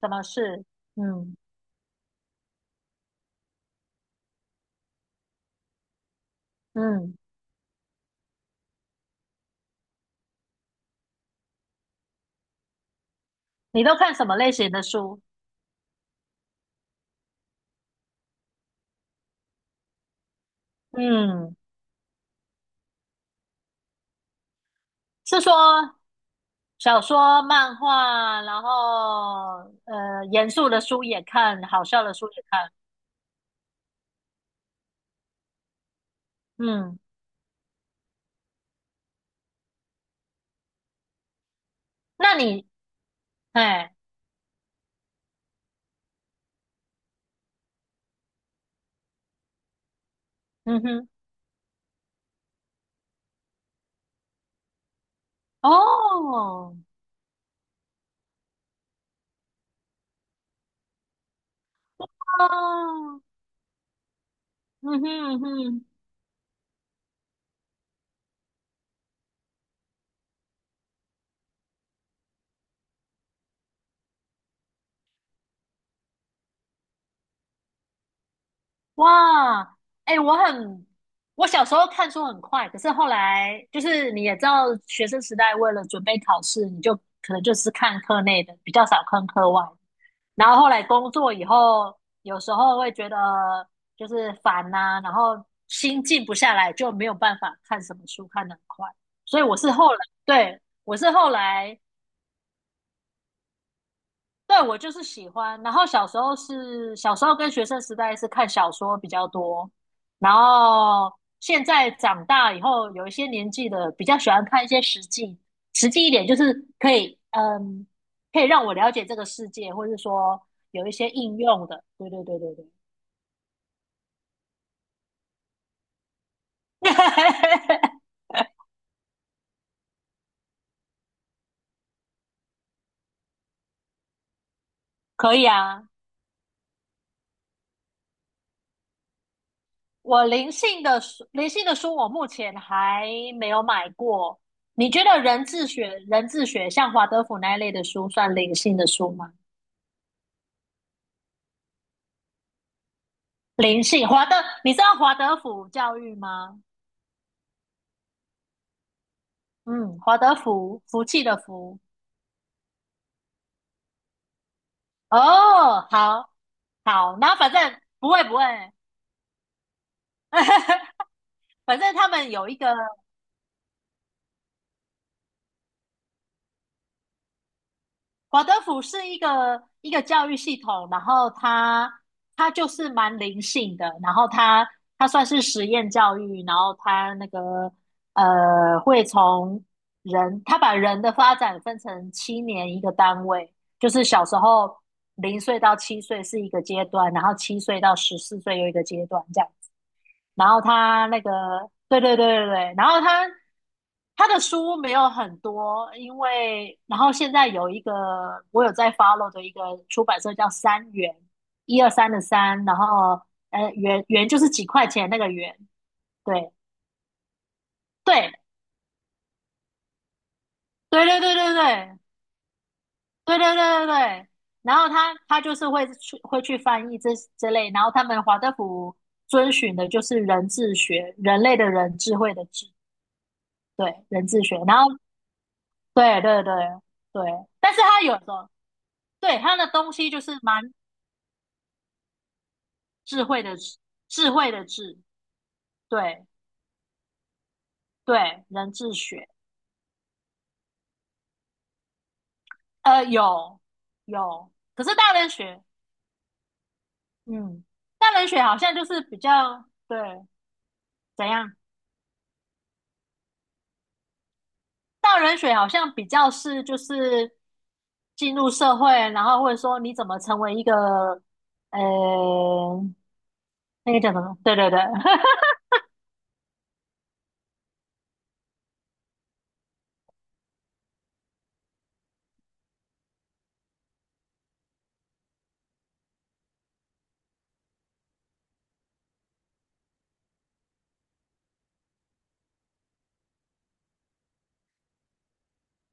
什么事？嗯嗯，你都看什么类型的书？嗯，是说小说、漫画，然后严肃的书也看，好笑的书也看。嗯，那你，哎，嗯哼，哦，哦，嗯哼嗯哼。哇，哎、我很，我小时候看书很快，可是后来就是你也知道，学生时代为了准备考试，你就可能就是看课内的，比较少看课外。然后后来工作以后，有时候会觉得就是烦呐、然后心静不下来，就没有办法看什么书看得很快。所以我是后来，对，我是后来对我就是喜欢。然后小时候跟学生时代是看小说比较多，然后现在长大以后有一些年纪的，比较喜欢看一些实际一点，就是可以可以让我了解这个世界，或是说有一些应用的。对对对对对，可以啊。我灵性的书，灵性的书我目前还没有买过。你觉得人智学像华德福那一类的书算灵性的书吗？灵性，你知道华德福教育吗？嗯，华德福，福气的福。哦，好，好，然后反正不会不会，反正他们有一个。华德福是一个教育系统，然后他就是蛮灵性的，然后他算是实验教育，然后他那个会从人，他把人的发展分成7年一个单位，就是小时候0岁到七岁是一个阶段，然后七岁到14岁又一个阶段这样。然后他那个，对对对对对，然后他的书没有很多，因为然后现在有一个我有在 follow 的一个出版社叫三元，一二三的三，然后元就是几块钱那个元，对对对对对对对对对对对对，然后他就是会去翻译这类，然后他们华德福遵循的就是人智学，人类的人，智慧的智，对人智学，然后。对对对对，但是他有时候对他的东西就是蛮智慧的智，智慧的智，对对，人智学，有有，可是大人学，嗯，大人学好像就是比较对怎样，大人学好像比较是就是进入社会，然后或者说你怎么成为一个呃那个叫什么？对对对，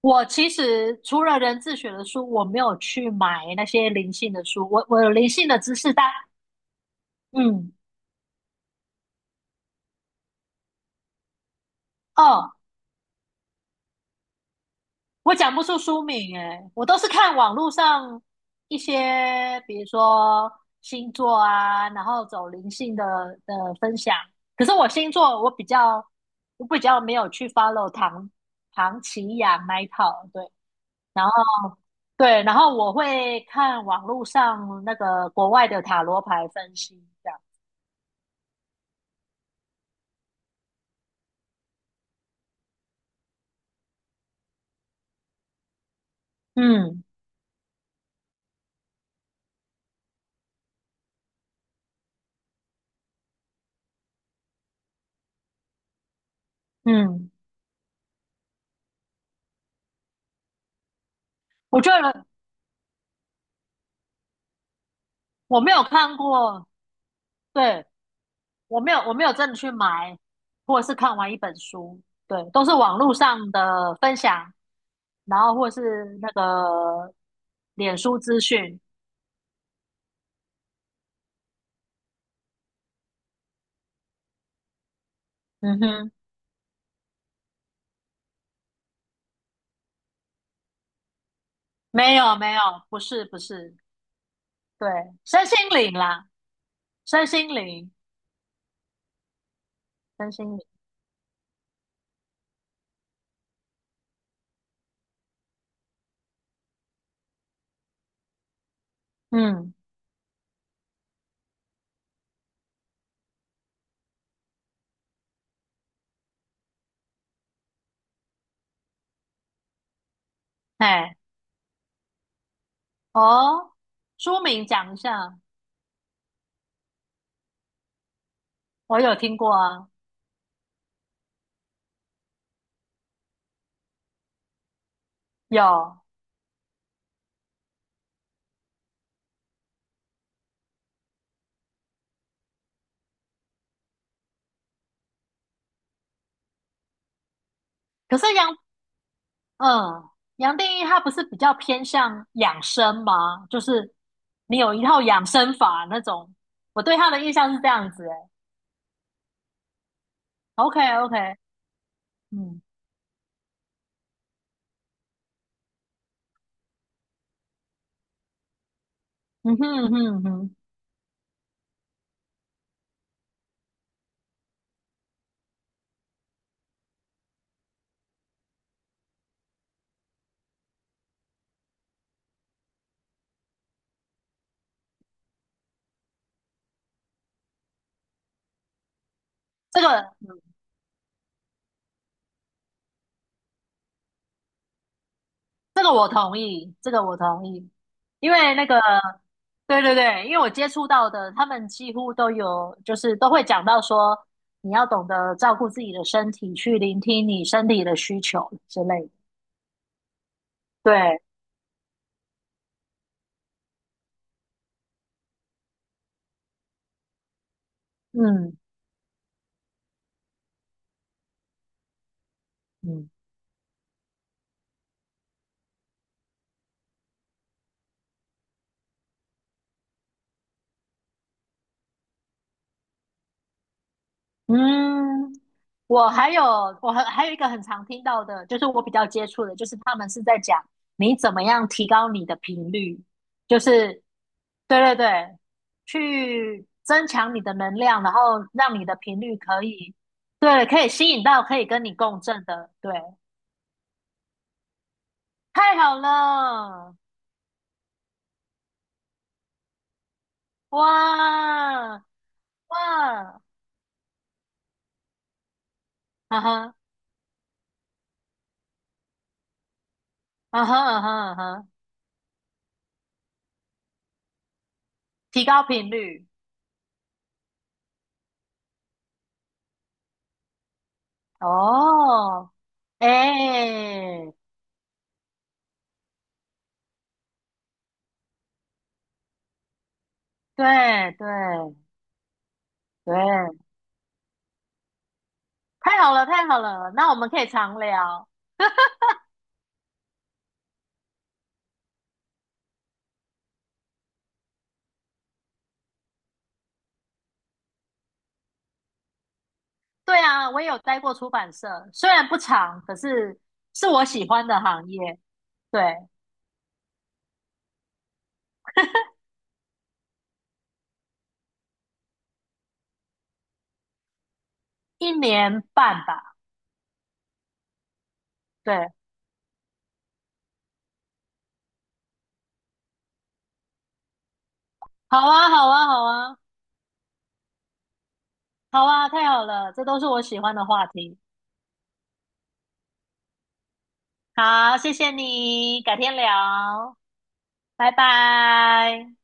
我其实除了人自学的书，我没有去买那些灵性的书。我有灵性的知识，但嗯哦，我讲不出书名诶，我都是看网络上一些，比如说星座啊，然后走灵性的分享。可是我星座我比较没有去 follow 唐奇雅那一套，对，然后。对，然后我会看网络上那个国外的塔罗牌分析，这样。嗯嗯，我觉得我没有看过，对，我没有真的去买，或者是看完一本书，对，都是网络上的分享，然后或是那个脸书资讯，嗯哼，没有没有，不是不是，对，身心灵啦，身心灵，身心灵，嗯，哎，哦，书名讲一下，我有听过啊，有，可是嗯，杨定一他不是比较偏向养生吗？就是你有一套养生法那种，我对他的印象是这样子、欸。OK OK，嗯嗯哼嗯哼嗯哼，这个这个我同意，这个我同意，因为那个对对对，因为我接触到的他们几乎都有，就是都会讲到说你要懂得照顾自己的身体，去聆听你身体的需求之类的。对，嗯嗯。嗯，我还有我还有一个很常听到的，就是我比较接触的，就是他们是在讲你怎么样提高你的频率，就是对对对，去增强你的能量，然后让你的频率可以对，可以吸引到可以跟你共振的，对，太好了，哇哇，嗯哈啊哈啊哈啊哈，提高频率哦，哎，对对。对，太好了，太好了，那我们可以常聊。对啊，我也有待过出版社，虽然不长，可是是我喜欢的行业。对，1年半吧。对，好啊，好啊，好啊，好啊，太好了，这都是我喜欢的话题。好，谢谢你，改天聊，拜拜。